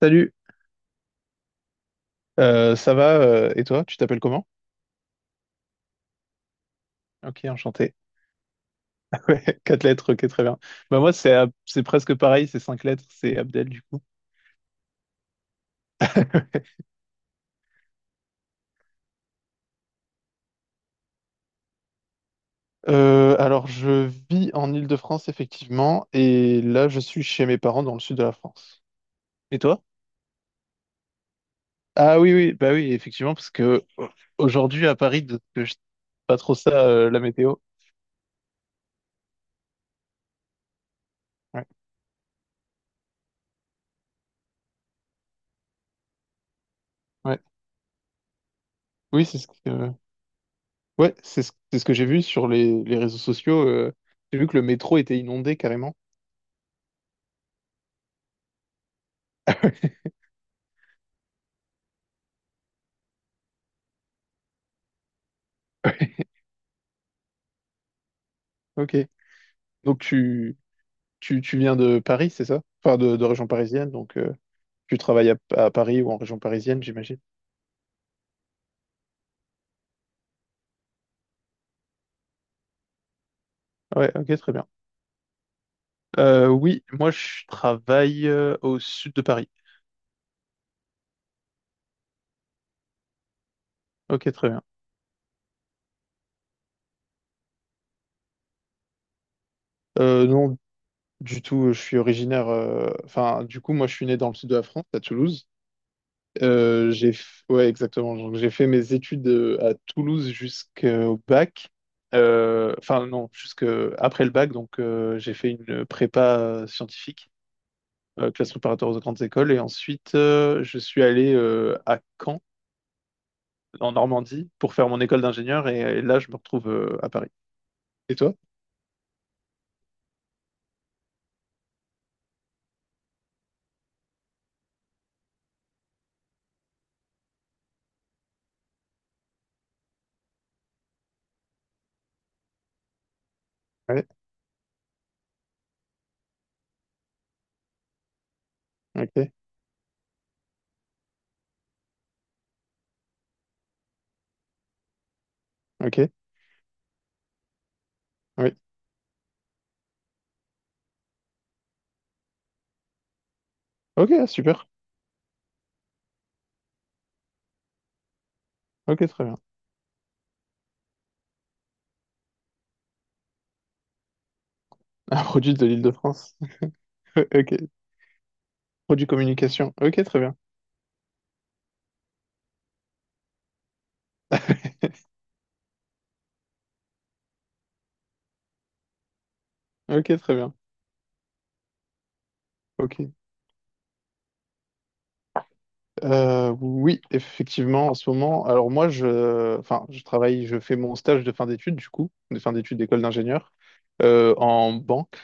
Salut, ça va et toi, tu t'appelles comment? Ok, enchanté. Ouais, quatre lettres, ok, très bien. Bah moi c'est c'est presque pareil, c'est cinq lettres, c'est Abdel du coup. Alors je vis en Île-de-France effectivement et là je suis chez mes parents dans le sud de la France. Et toi? Ah oui oui, bah oui effectivement parce que aujourd'hui à Paris, de- que je- pas trop ça la météo. Ouais, ouais. Oui c'est ce que ouais c'est ce que j'ai vu sur les réseaux sociaux. J'ai vu que le métro était inondé carrément. Ok. Donc tu viens de Paris, c'est ça? Enfin, de région parisienne, donc tu travailles à Paris ou en région parisienne, j'imagine. Ouais, ok, très bien. Oui, moi je travaille au sud de Paris. Ok, très bien. Non, du tout, je suis originaire. Enfin, du coup, moi je suis né dans le sud de la France, à Toulouse. Ouais, exactement. Donc j'ai fait mes études à Toulouse jusqu'au bac. Enfin, non, jusqu'après le bac, donc j'ai fait une prépa scientifique. Classe préparatoire aux grandes écoles. Et ensuite, je suis allé à Caen, en Normandie, pour faire mon école d'ingénieur. Et là, je me retrouve à Paris. Et toi? Ouais, ok, ok, oui. Ok, super. Ok, très bien. Un produit de l'Île-de-France. Ok. Produit communication. Ok, très bien. Ok, très bien. Ok. Oui, effectivement, en ce moment, alors enfin, je travaille, je fais mon stage de fin d'études, du coup, de fin d'études d'école d'ingénieur, en banque.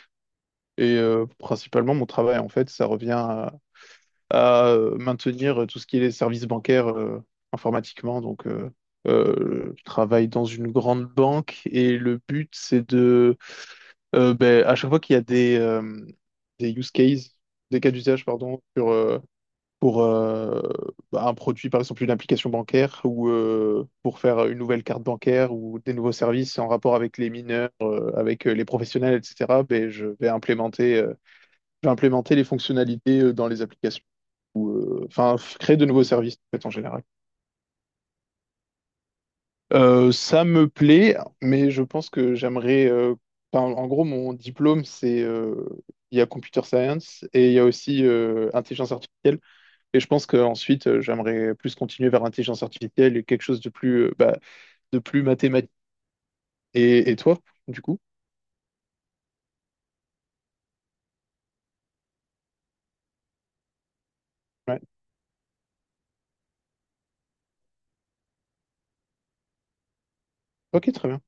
Et principalement, mon travail, en fait, ça revient à maintenir tout ce qui est les services bancaires informatiquement. Donc, je travaille dans une grande banque et le but, c'est de ben, à chaque fois qu'il y a des des use cases, des cas d'usage, pardon, sur, pour bah, un produit, par exemple, une application bancaire ou pour faire une nouvelle carte bancaire ou des nouveaux services en rapport avec les mineurs, avec les professionnels, etc., ben, je vais implémenter. Je vais implémenter les fonctionnalités dans les applications, créer de nouveaux services en, fait, en général. Ça me plaît, mais je pense que j'aimerais. Enfin, en gros, mon diplôme, c'est il y a computer science et il y a aussi intelligence artificielle. Et je pense qu'ensuite, j'aimerais plus continuer vers intelligence artificielle et quelque chose de plus, bah, de plus mathématique. Et toi, du coup? Ouais. Ok, très bien.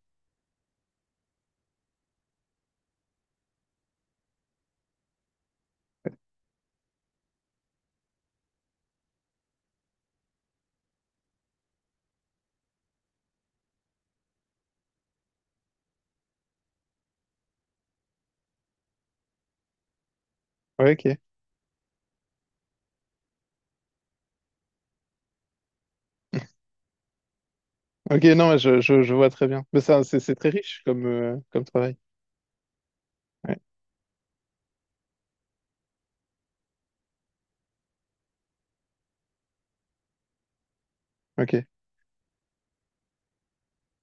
Ouais, ok. Ok, non, ouais, je vois très bien. Mais ça, c'est très riche comme, comme travail. Ouais. Ok,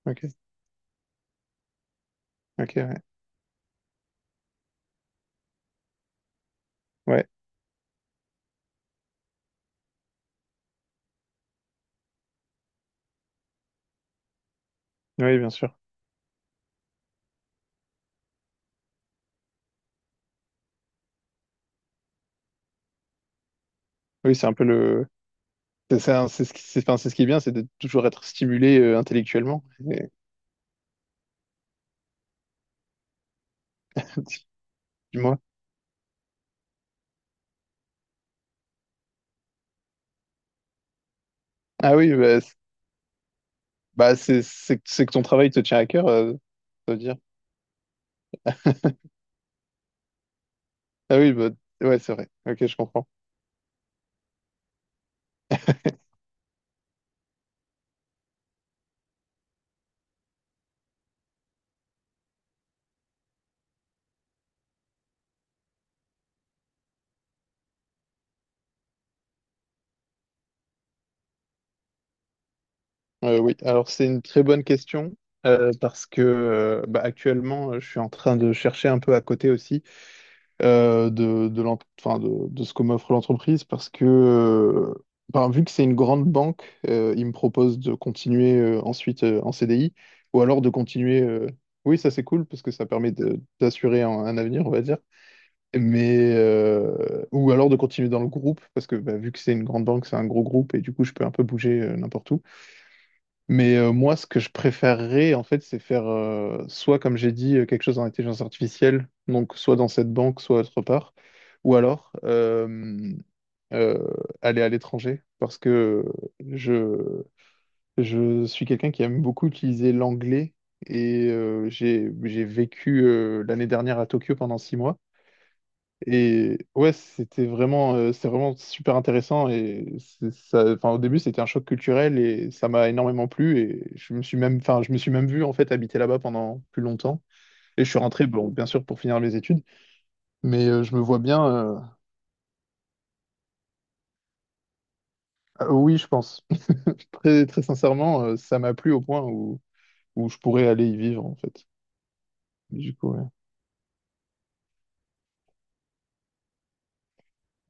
ok, ok, ouais. Ouais. Oui, bien sûr. Oui, c'est un peu le. C'est ça, c'est enfin, c'est ce qui est bien, c'est de toujours être stimulé intellectuellement. Et- Dis-moi. Ah oui, bah, c'est que ton travail te tient à cœur, ça veut dire. Ah oui, bah, ouais, c'est vrai. Ok, je comprends. Oui, alors c'est une très bonne question parce que bah, actuellement, je suis en train de chercher un peu à côté aussi. Enfin, de ce que m'offre l'entreprise parce que, ben, vu que c'est une grande banque, ils me proposent de continuer ensuite en CDI ou alors de continuer. Oui, ça c'est cool parce que ça permet de- d'assurer un avenir, on va dire. Mais ou alors de continuer dans le groupe parce que bah, vu que c'est une grande banque, c'est un gros groupe et du coup je peux un peu bouger n'importe où. Mais moi, ce que je préférerais, en fait, c'est faire soit, comme j'ai dit, quelque chose en intelligence artificielle, donc soit dans cette banque, soit autre part, ou alors euh, aller à l'étranger, parce que je, je suis quelqu'un qui aime beaucoup utiliser l'anglais et j'ai vécu l'année dernière à Tokyo pendant 6 mois. Et ouais, c'est vraiment super intéressant. Enfin, au début, c'était un choc culturel et ça m'a énormément plu. Et je me suis même, enfin, je me suis même vu en fait habiter là-bas pendant plus longtemps. Et je suis rentré, bon, bien sûr, pour finir mes études. Mais je me vois bien. Ah, oui, je pense. Très, très sincèrement, ça m'a plu au point où je pourrais aller y vivre en fait. Du coup, ouais.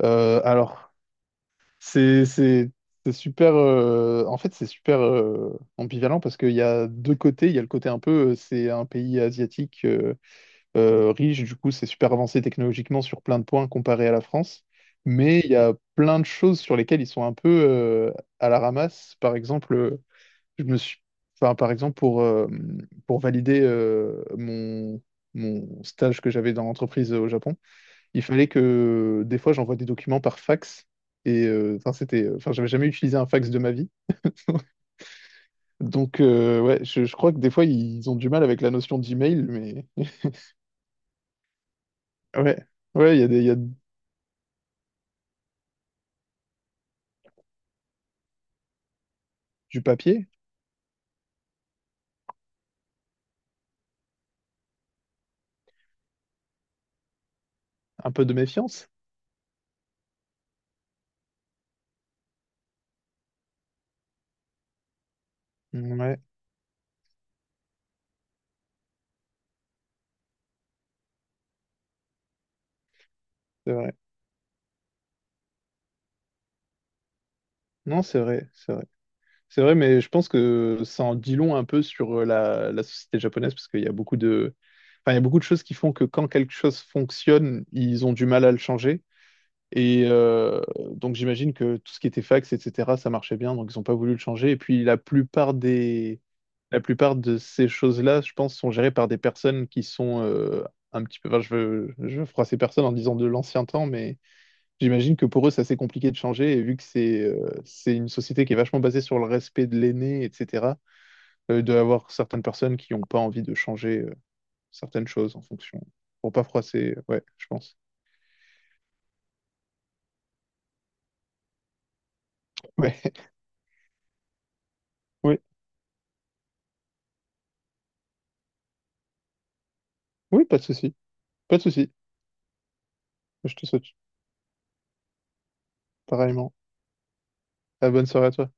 Alors. C'est, c'est, c'est super. En fait, c'est super ambivalent parce qu'il y a deux côtés. Il y a le côté un peu, c'est un pays asiatique riche, du coup, c'est super avancé technologiquement sur plein de points comparé à la France. Mais il y a plein de choses sur lesquelles ils sont un peu à la ramasse. Par exemple, je me suis, enfin, par exemple pour valider mon stage que j'avais dans l'entreprise au Japon il fallait que des fois j'envoie des documents par fax. Et enfin, j'avais jamais utilisé un fax de ma vie. Donc, ouais, je crois que des fois, ils ont du mal avec la notion d'email, mais ouais, ouais, il y a du papier, un peu de méfiance. Ouais, c'est vrai. Non, c'est vrai. C'est vrai, mais je pense que ça en dit long un peu sur la société japonaise, parce qu'il y a beaucoup enfin, il y a beaucoup de choses qui font que quand quelque chose fonctionne, ils ont du mal à le changer. Et donc j'imagine que tout ce qui était fax, etc., ça marchait bien, donc ils n'ont pas voulu le changer. Et puis la plupart de ces choses-là, je pense, sont gérées par des personnes qui sont un petit peu. Enfin, je veux froisser personne en disant de l'ancien temps, mais j'imagine que pour eux, c'est assez compliqué de changer. Et vu que c'est une société qui est vachement basée sur le respect de l'aîné, etc., il doit y avoir certaines personnes qui n'ont pas envie de changer certaines choses en fonction. Pour pas froisser, ouais, je pense. Ouais, oui, oui, pas de souci, pas de souci. Je te souhaite pareillement. Ah, bonne soirée à toi.